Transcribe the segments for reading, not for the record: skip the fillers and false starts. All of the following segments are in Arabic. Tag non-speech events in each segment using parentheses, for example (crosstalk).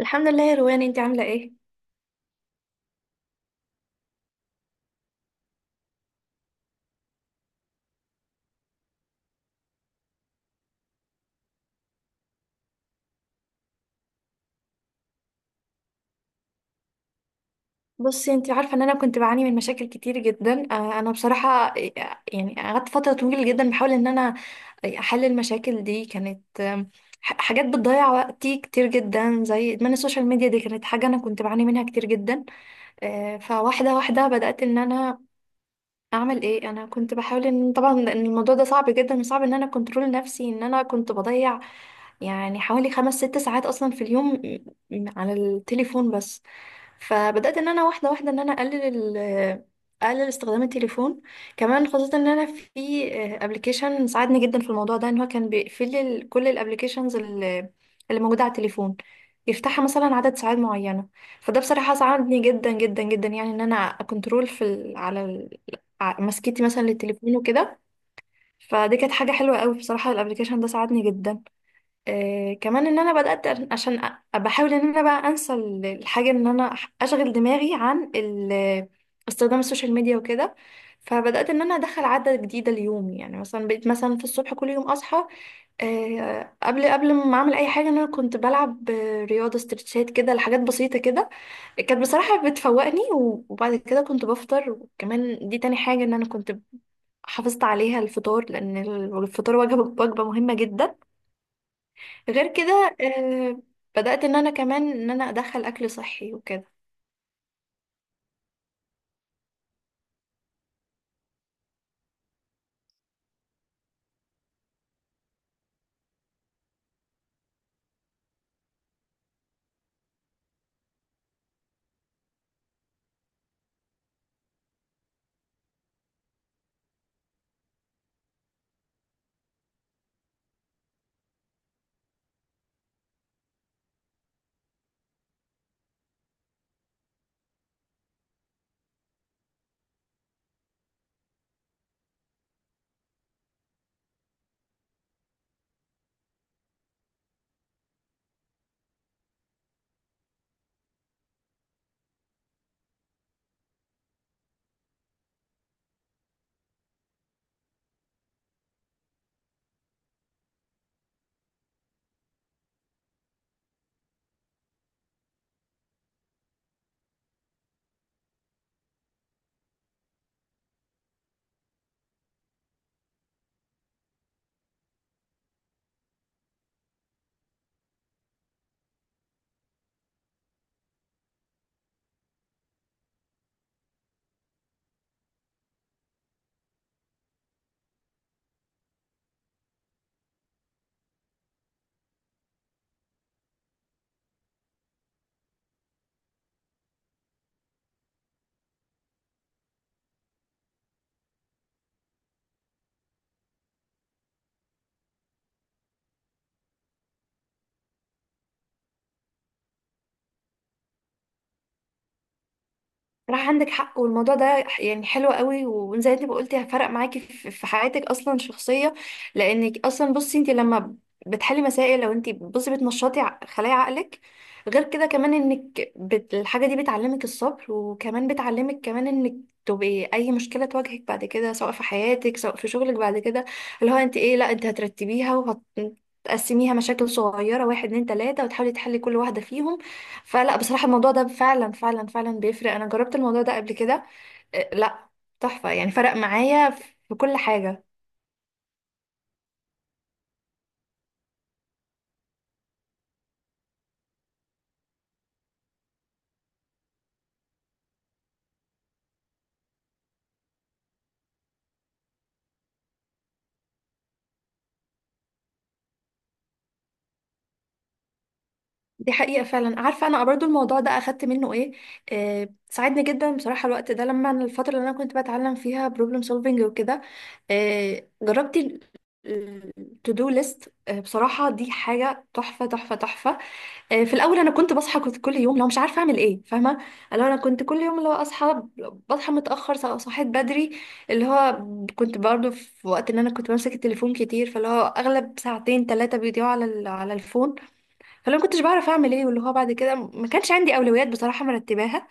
الحمد لله يا روان، انت عامله ايه؟ بصي، انت عارفه ان انا كنت بعاني من مشاكل كتير جدا. انا بصراحه، يعني قعدت فتره طويله جدا بحاول ان انا احل المشاكل دي. كانت حاجات بتضيع وقتي كتير جدا، زي ادمان السوشيال ميديا. دي كانت حاجه انا كنت بعاني منها كتير جدا. فواحده واحده بدات ان انا اعمل ايه. انا كنت بحاول ان، طبعا، ان الموضوع ده صعب جدا، وصعب ان انا كنترول نفسي، ان انا كنت بضيع يعني حوالي 5 6 ساعات اصلا في اليوم على التليفون بس. فبدأت ان انا واحدة واحدة ان انا ال- اقلل استخدام التليفون. كمان خصوصا ان انا في ابلكيشن ساعدني جدا في الموضوع ده، ان هو كان بيقفل لي كل الابلكيشنز اللي موجودة على التليفون، يفتحها مثلا عدد ساعات معينة. فده بصراحة ساعدني جدا جدا جدا، يعني ان انا اكنترول في ال... على ال... ع- مسكتي مثلا للتليفون وكده. فدي كانت حاجة حلوة قوي بصراحة. الابلكيشن ده ساعدني جدا. كمان ان انا بدات، عشان بحاول ان انا بقى انسى الحاجه، ان انا اشغل دماغي عن استخدام السوشيال ميديا وكده. فبدات ان انا ادخل عاده جديده ليومي. يعني مثلا بقيت مثلا في الصبح كل يوم اصحى، قبل ما اعمل اي حاجه، ان انا كنت بلعب رياضه، استرتشات كده، لحاجات بسيطه كده كانت بصراحه بتفوقني. وبعد كده كنت بفطر. وكمان دي تاني حاجه ان انا كنت حافظت عليها، الفطار، لان الفطار وجبه مهمه جدا. غير كده بدأت ان انا كمان ان انا ادخل اكل صحي وكده. راح، عندك حق. والموضوع ده يعني حلو قوي، وزي انت ما قلتي، هفرق معاكي في حياتك اصلا، شخصيه. لانك اصلا بصي، انت لما بتحلي مسائل، لو انت بصي بتنشطي خلايا عقلك. غير كده كمان انك الحاجه دي بتعلمك الصبر. وكمان بتعلمك كمان انك تبقي اي مشكله تواجهك بعد كده، سواء في حياتك سواء في شغلك بعد كده، اللي هو انت ايه، لا انت هترتبيها وهتقسميها مشاكل صغيره: واحد، اتنين، تلاته، وتحاولي تحلي كل واحده فيهم. فلا، بصراحة الموضوع ده فعلا فعلا فعلا بيفرق. أنا جربت الموضوع ده قبل كده. لا، تحفة يعني. فرق معايا في كل حاجة. دي حقيقة، فعلا. عارفة، أنا برضو الموضوع ده أخدت منه إيه؟ ساعدني جدا بصراحة. الوقت ده، لما أنا الفترة اللي أنا كنت بتعلم فيها بروبلم سولفينج وكده، جربت التو دو ليست. بصراحة دي حاجة تحفة تحفة تحفة. في الاول انا كنت بصحى، كنت كل يوم لو مش عارفه اعمل ايه، فاهمه، اللي هو انا كنت كل يوم، اللي هو اصحى، بصحى متاخر، سواء صحيت بدري، اللي هو كنت برضو في وقت ان انا كنت بمسك التليفون كتير. فاللي هو اغلب ساعتين ثلاثه بيضيعوا على الفون. فلو ما كنتش بعرف اعمل ايه، واللي هو بعد كده ما كانش عندي اولويات بصراحه مرتباها.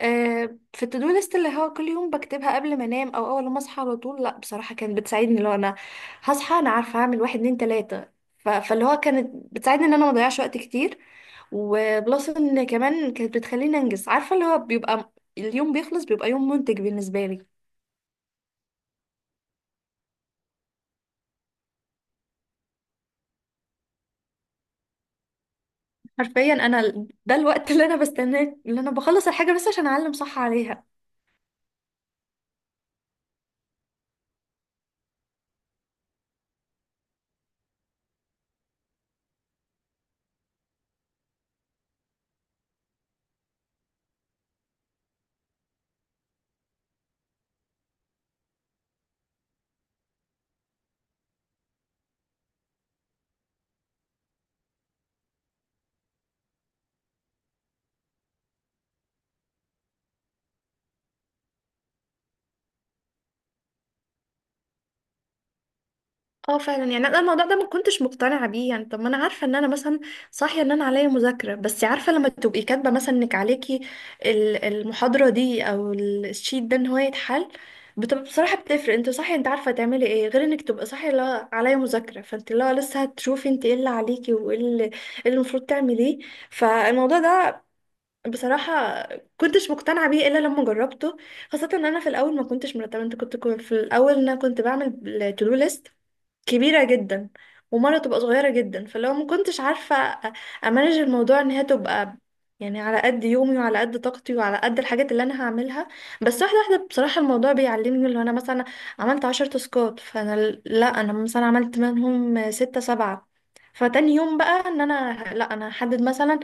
في التودو ليست، اللي هو كل يوم بكتبها قبل ما انام، او اول ما اصحى على طول، لا بصراحه كانت بتساعدني. لو انا هصحى انا عارفه اعمل واحد، اتنين، تلاته. فاللي هو كانت بتساعدني ان انا ما اضيعش وقت كتير. وبلس ان كمان كانت بتخليني انجز، عارفه اللي هو بيبقى، اليوم بيخلص، بيبقى يوم منتج بالنسبه لي. حرفيا انا ده الوقت اللي انا بستناه، اللي انا بخلص الحاجه بس عشان اعلم صح عليها. اه فعلا. يعني انا الموضوع ده ما كنتش مقتنعه بيه. يعني طب، ما انا عارفه ان انا مثلا صاحيه ان انا عليا مذاكره. بس عارفه لما تبقي كاتبه مثلا انك عليكي المحاضره دي او الشيت ده، ان هو يتحل، بتبقى بصراحه بتفرق. انت صاحيه، انت عارفه تعملي ايه. غير انك تبقى صاحيه لا عليا مذاكره، فانت لا لسه هتشوفي انت ايه اللي عليكي وايه اللي إيه اللي المفروض تعمليه. فالموضوع ده بصراحه كنتش مقتنعه بيه الا لما جربته. خاصه ان انا في الاول ما كنتش مرتبه. انت كنت في الاول، إن انا كنت بعمل تو دو ليست كبيرة جدا، ومرة تبقى صغيرة جدا. فلو ما كنتش عارفة أ- امانج الموضوع، ان هي تبقى يعني على قد يومي وعلى قد طاقتي وعلى قد الحاجات اللي انا هعملها. بس واحدة واحدة بصراحة الموضوع بيعلمني، اللي انا مثلا عملت 10 تاسكات، فانا لا، انا مثلا عملت منهم ستة سبعة. فتاني يوم بقى ان انا لا، انا هحدد مثلا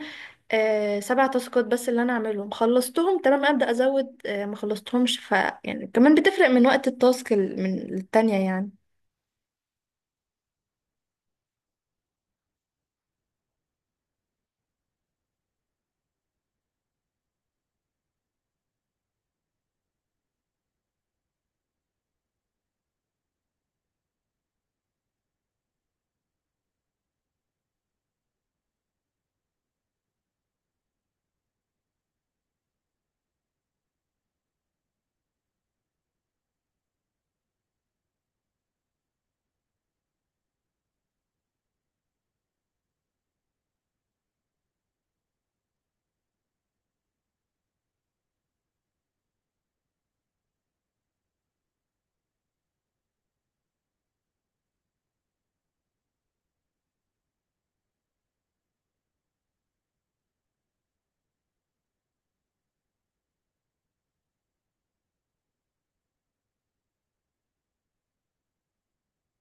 سبع تاسكات بس اللي انا اعملهم، خلصتهم تمام، ابدا ازود، ما خلصتهمش. يعني كمان بتفرق من وقت التاسك من التانية يعني.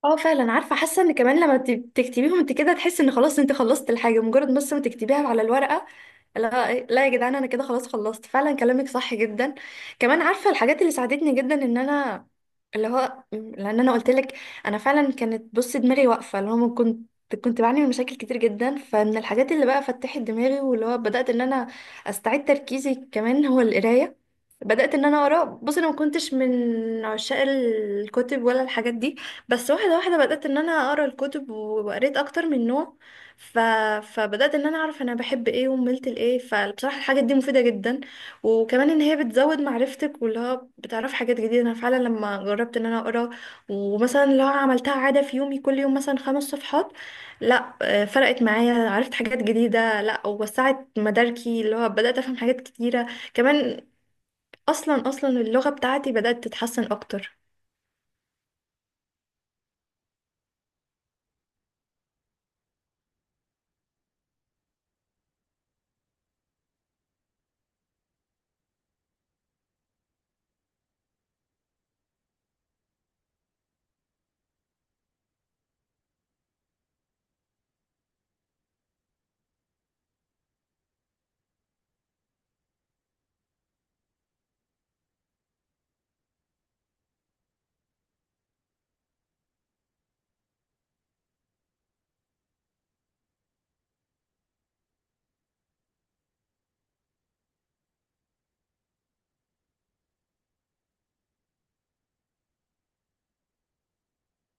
اه فعلا. عارفه، حاسه ان كمان لما تكتبيهم انت كده تحسي ان خلاص انت خلصت الحاجه، مجرد بس ما تكتبيها على الورقه. لا لا يا جدعان، انا كده خلاص خلصت فعلا. كلامك صح جدا. كمان عارفه الحاجات اللي ساعدتني جدا ان انا، اللي هو لان انا قلت لك، انا فعلا كانت بص دماغي واقفه، اللي هو من كنت بعاني من مشاكل كتير جدا. فمن الحاجات اللي بقى فتحت دماغي، واللي هو بدات ان انا استعيد تركيزي، كمان هو القرايه. بدأت ان انا اقرا. بص انا ما كنتش من عشاق الكتب ولا الحاجات دي. بس واحده واحده بدأت ان انا اقرا الكتب، وقريت اكتر من نوع. ف... فبدأت ان انا اعرف انا بحب ايه وملت لايه. فبصراحه الحاجات دي مفيده جدا. وكمان ان هي بتزود معرفتك، واللي هو بتعرف حاجات جديده. انا فعلا لما جربت ان انا اقرا، ومثلا لو عملتها عاده في يومي، كل يوم مثلا خمس صفحات، لا فرقت معايا. عرفت حاجات جديده، لا ووسعت مداركي، اللي هو بدأت افهم حاجات كتيره كمان. اصلا اصلا اللغه بتاعتي بدات تتحسن اكتر.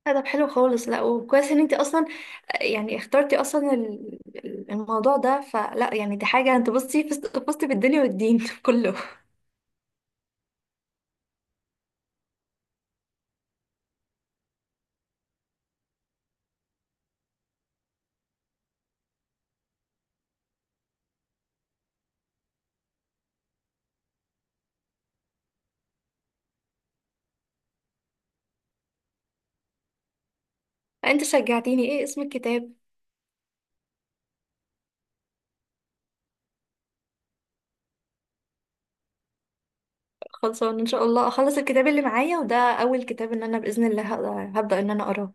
لا، طب حلو خالص. لا وكويس ان انت اصلا يعني اخترتي اصلا الموضوع ده. فلا يعني دي حاجه، انت بصي فزت فزت بالدنيا والدين (laughs) كله. انت شجعتيني، ايه اسم الكتاب؟ خلصان، ان شاء الله اخلص الكتاب اللي معايا، وده اول كتاب ان انا باذن الله هبدأ ان انا اقراه.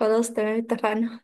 خلاص تمام، اتفقنا.